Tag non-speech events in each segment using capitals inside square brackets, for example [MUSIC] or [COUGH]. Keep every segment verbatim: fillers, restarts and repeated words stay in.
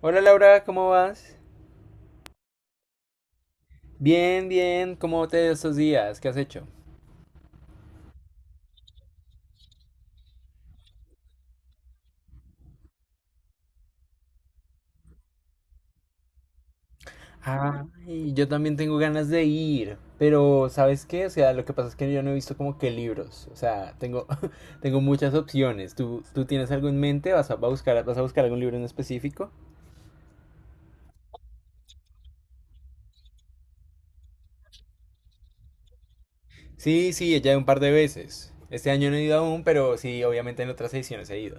Hola Laura, ¿cómo vas? Bien, bien, ¿cómo te ha ido estos días? ¿Qué has hecho? Ay, yo también tengo ganas de ir, pero ¿sabes qué? O sea, lo que pasa es que yo no he visto como que libros, o sea, tengo, [LAUGHS] tengo muchas opciones. ¿Tú, tú tienes algo en mente? ¿Vas a, va a buscar, vas a buscar algún libro en específico? Sí, sí, ya un par de veces. Este año no he ido aún, pero sí, obviamente en otras ediciones he ido.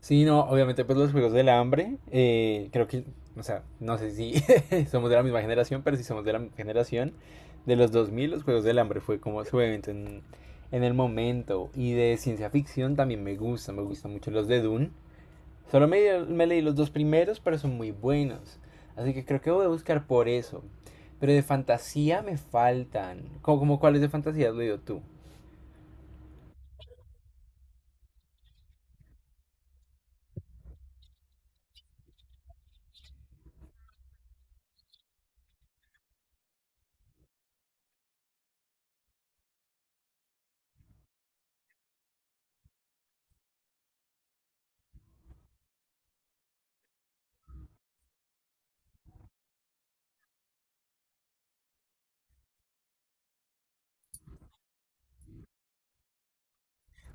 Sí, no, obviamente, pues los Juegos del Hambre, eh, creo que, o sea, no sé si [LAUGHS] somos de la misma generación, pero si somos de la generación de los dos mil, los Juegos del Hambre fue como su evento en, en el momento. Y de ciencia ficción también me gusta, me gustan mucho los de Dune. Solo me, me leí los dos primeros, pero son muy buenos. Así que creo que voy a buscar por eso. Pero de fantasía me faltan. ¿Cómo, como cuáles de fantasía has leído tú?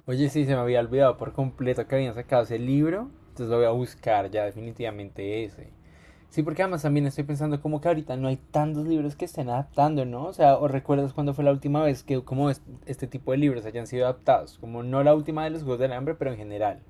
Oye, sí, se me había olvidado por completo que habían sacado ese libro. Entonces lo voy a buscar ya definitivamente ese. Sí, porque además también estoy pensando como que ahorita no hay tantos libros que estén adaptando, ¿no? O sea, ¿o recuerdas cuándo fue la última vez que como es- este tipo de libros hayan sido adaptados? Como no la última de los Juegos del Hambre, pero en general.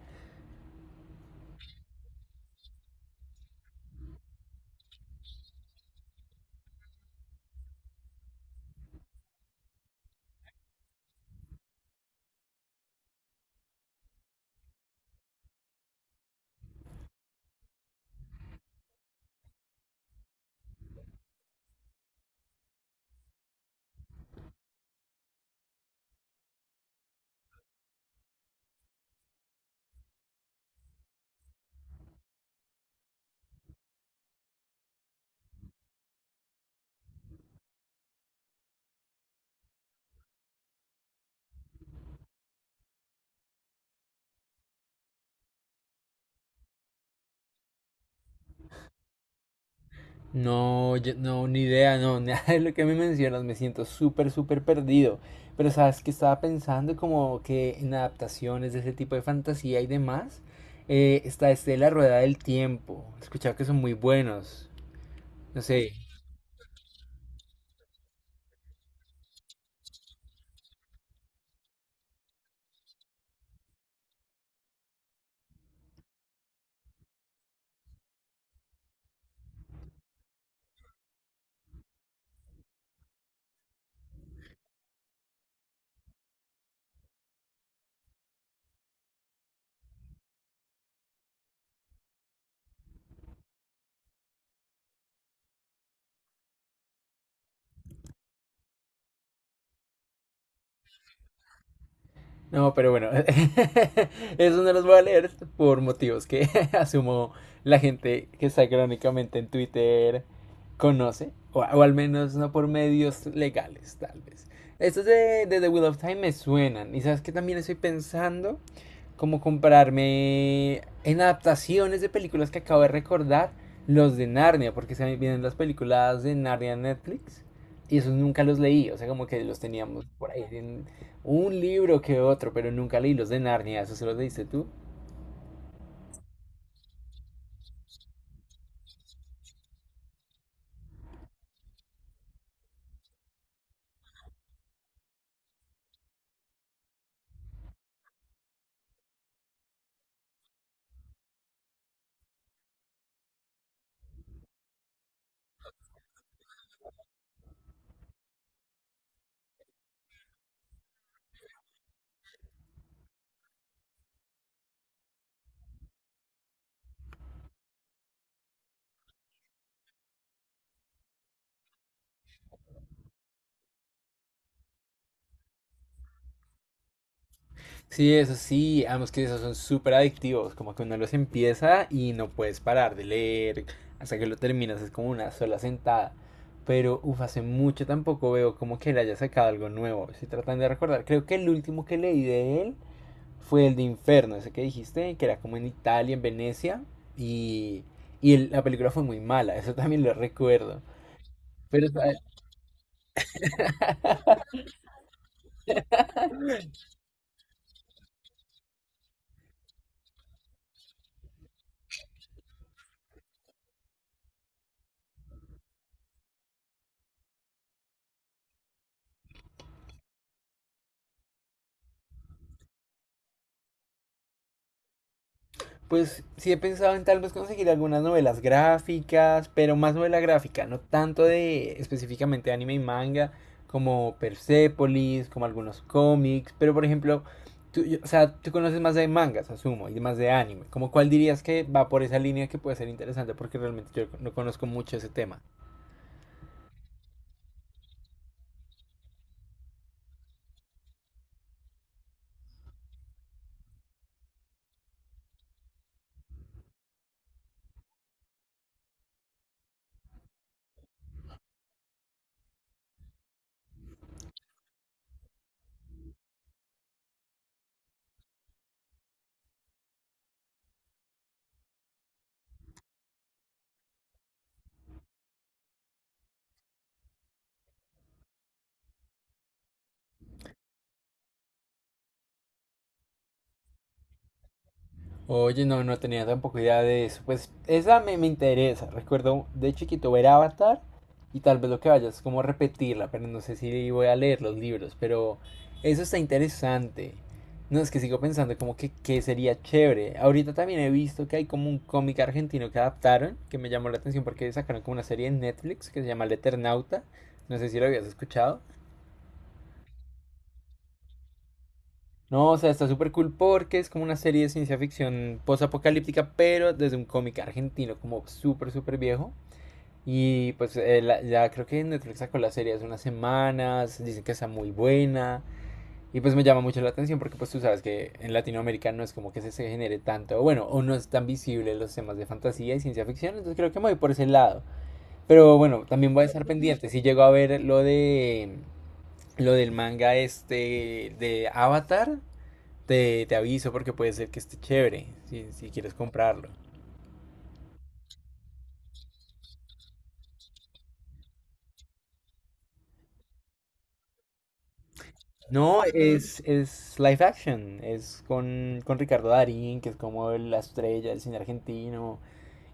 No, yo- no, ni idea, no, [LAUGHS] nada de lo que me mencionas, me siento súper, súper perdido. Pero sabes que estaba pensando como que en adaptaciones de ese tipo de fantasía y demás, eh, está este de La Rueda del Tiempo. He escuchado que son muy buenos. No sé. No, pero bueno, [LAUGHS] eso no los voy a leer por motivos que [LAUGHS] asumo la gente que está crónicamente en Twitter conoce, o, o al menos no por medios legales, tal vez. Estos de, de The Wheel of Time me suenan, y sabes que también estoy pensando como comprarme en adaptaciones de películas que acabo de recordar, los de Narnia, porque se vienen las películas de Narnia en Netflix y esos nunca los leí, o sea, como que los teníamos por ahí en un libro que otro, pero nunca leí los de Narnia, ¿eso se los leíste tú? Sí, eso sí, ambos que esos son súper adictivos, como que uno los empieza y no puedes parar de leer hasta que lo terminas, es como una sola sentada. Pero, uff, hace mucho tampoco veo como que él haya sacado algo nuevo. Estoy tratando de recordar, creo que el último que leí de él fue el de Inferno, ese que dijiste, que era como en Italia, en Venecia, y, y el- la película fue muy mala, eso también lo recuerdo. Pero pues sí he pensado en tal vez conseguir algunas novelas gráficas, pero más novela gráfica, no tanto de específicamente anime y manga, como Persepolis, como algunos cómics, pero por ejemplo, tú, yo- o sea, tú conoces más de mangas, asumo, y más de anime, como cuál dirías que va por esa línea que puede ser interesante, porque realmente yo no conozco mucho ese tema. Oye, no, no tenía tampoco idea de eso. Pues esa me, me interesa. Recuerdo de chiquito ver Avatar y tal vez lo que vaya es como repetirla, pero no sé si voy a leer los libros. Pero eso está interesante. No, es que sigo pensando como que, que sería chévere. Ahorita también he visto que hay como un cómic argentino que adaptaron, que me llamó la atención porque sacaron como una serie en Netflix que se llama El Eternauta. No sé si lo habías escuchado. No, o sea, está súper cool porque es como una serie de ciencia ficción post apocalíptica pero desde un cómic argentino, como súper, súper viejo. Y pues eh, la- ya creo que Netflix sacó la serie hace unas semanas, dicen que está muy buena. Y pues me llama mucho la atención porque pues tú sabes que en Latinoamérica no es como que se, se genere tanto, o bueno, o no es tan visible los temas de fantasía y ciencia ficción, entonces creo que me voy por ese lado. Pero bueno, también voy a estar pendiente. Si llego a ver lo de lo del manga este de Avatar, te, te aviso porque puede ser que esté chévere si, si quieres comprarlo. No, es, es live action, es con, con Ricardo Darín, que es como el- la estrella del cine argentino,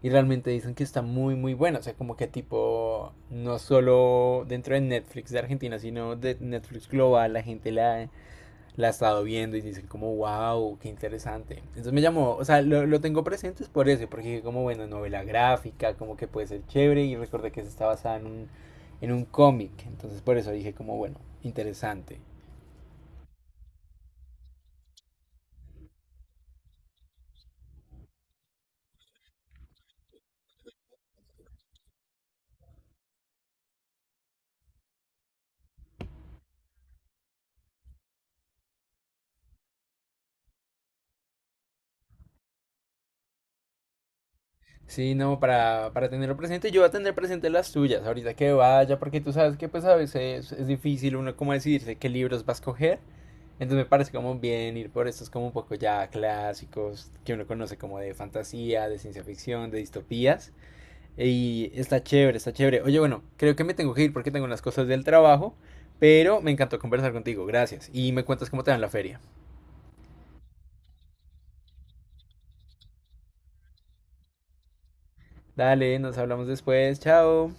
y realmente dicen que está muy, muy bueno, o sea, como que tipo, no solo dentro de Netflix de Argentina, sino de Netflix global, la gente la, la ha estado viendo y dicen como, wow, qué interesante. Entonces me llamó, o sea, lo, lo tengo presente es por eso, porque dije como, bueno, novela gráfica, como que puede ser chévere y recordé que se está basada en un, en un cómic. Entonces por eso dije como, bueno, interesante. Sí, no, para, para tenerlo presente, yo voy a tener presente las tuyas ahorita que vaya, porque tú sabes que pues a veces es difícil uno como decidirse qué libros va a escoger. Entonces me parece como bien ir por estos como un poco ya clásicos, que uno conoce como de fantasía, de ciencia ficción, de distopías. Y está chévere, está chévere. Oye, bueno, creo que me tengo que ir porque tengo unas cosas del trabajo, pero me encantó conversar contigo, gracias. Y me cuentas cómo te va en la feria. Dale, nos hablamos después, chao.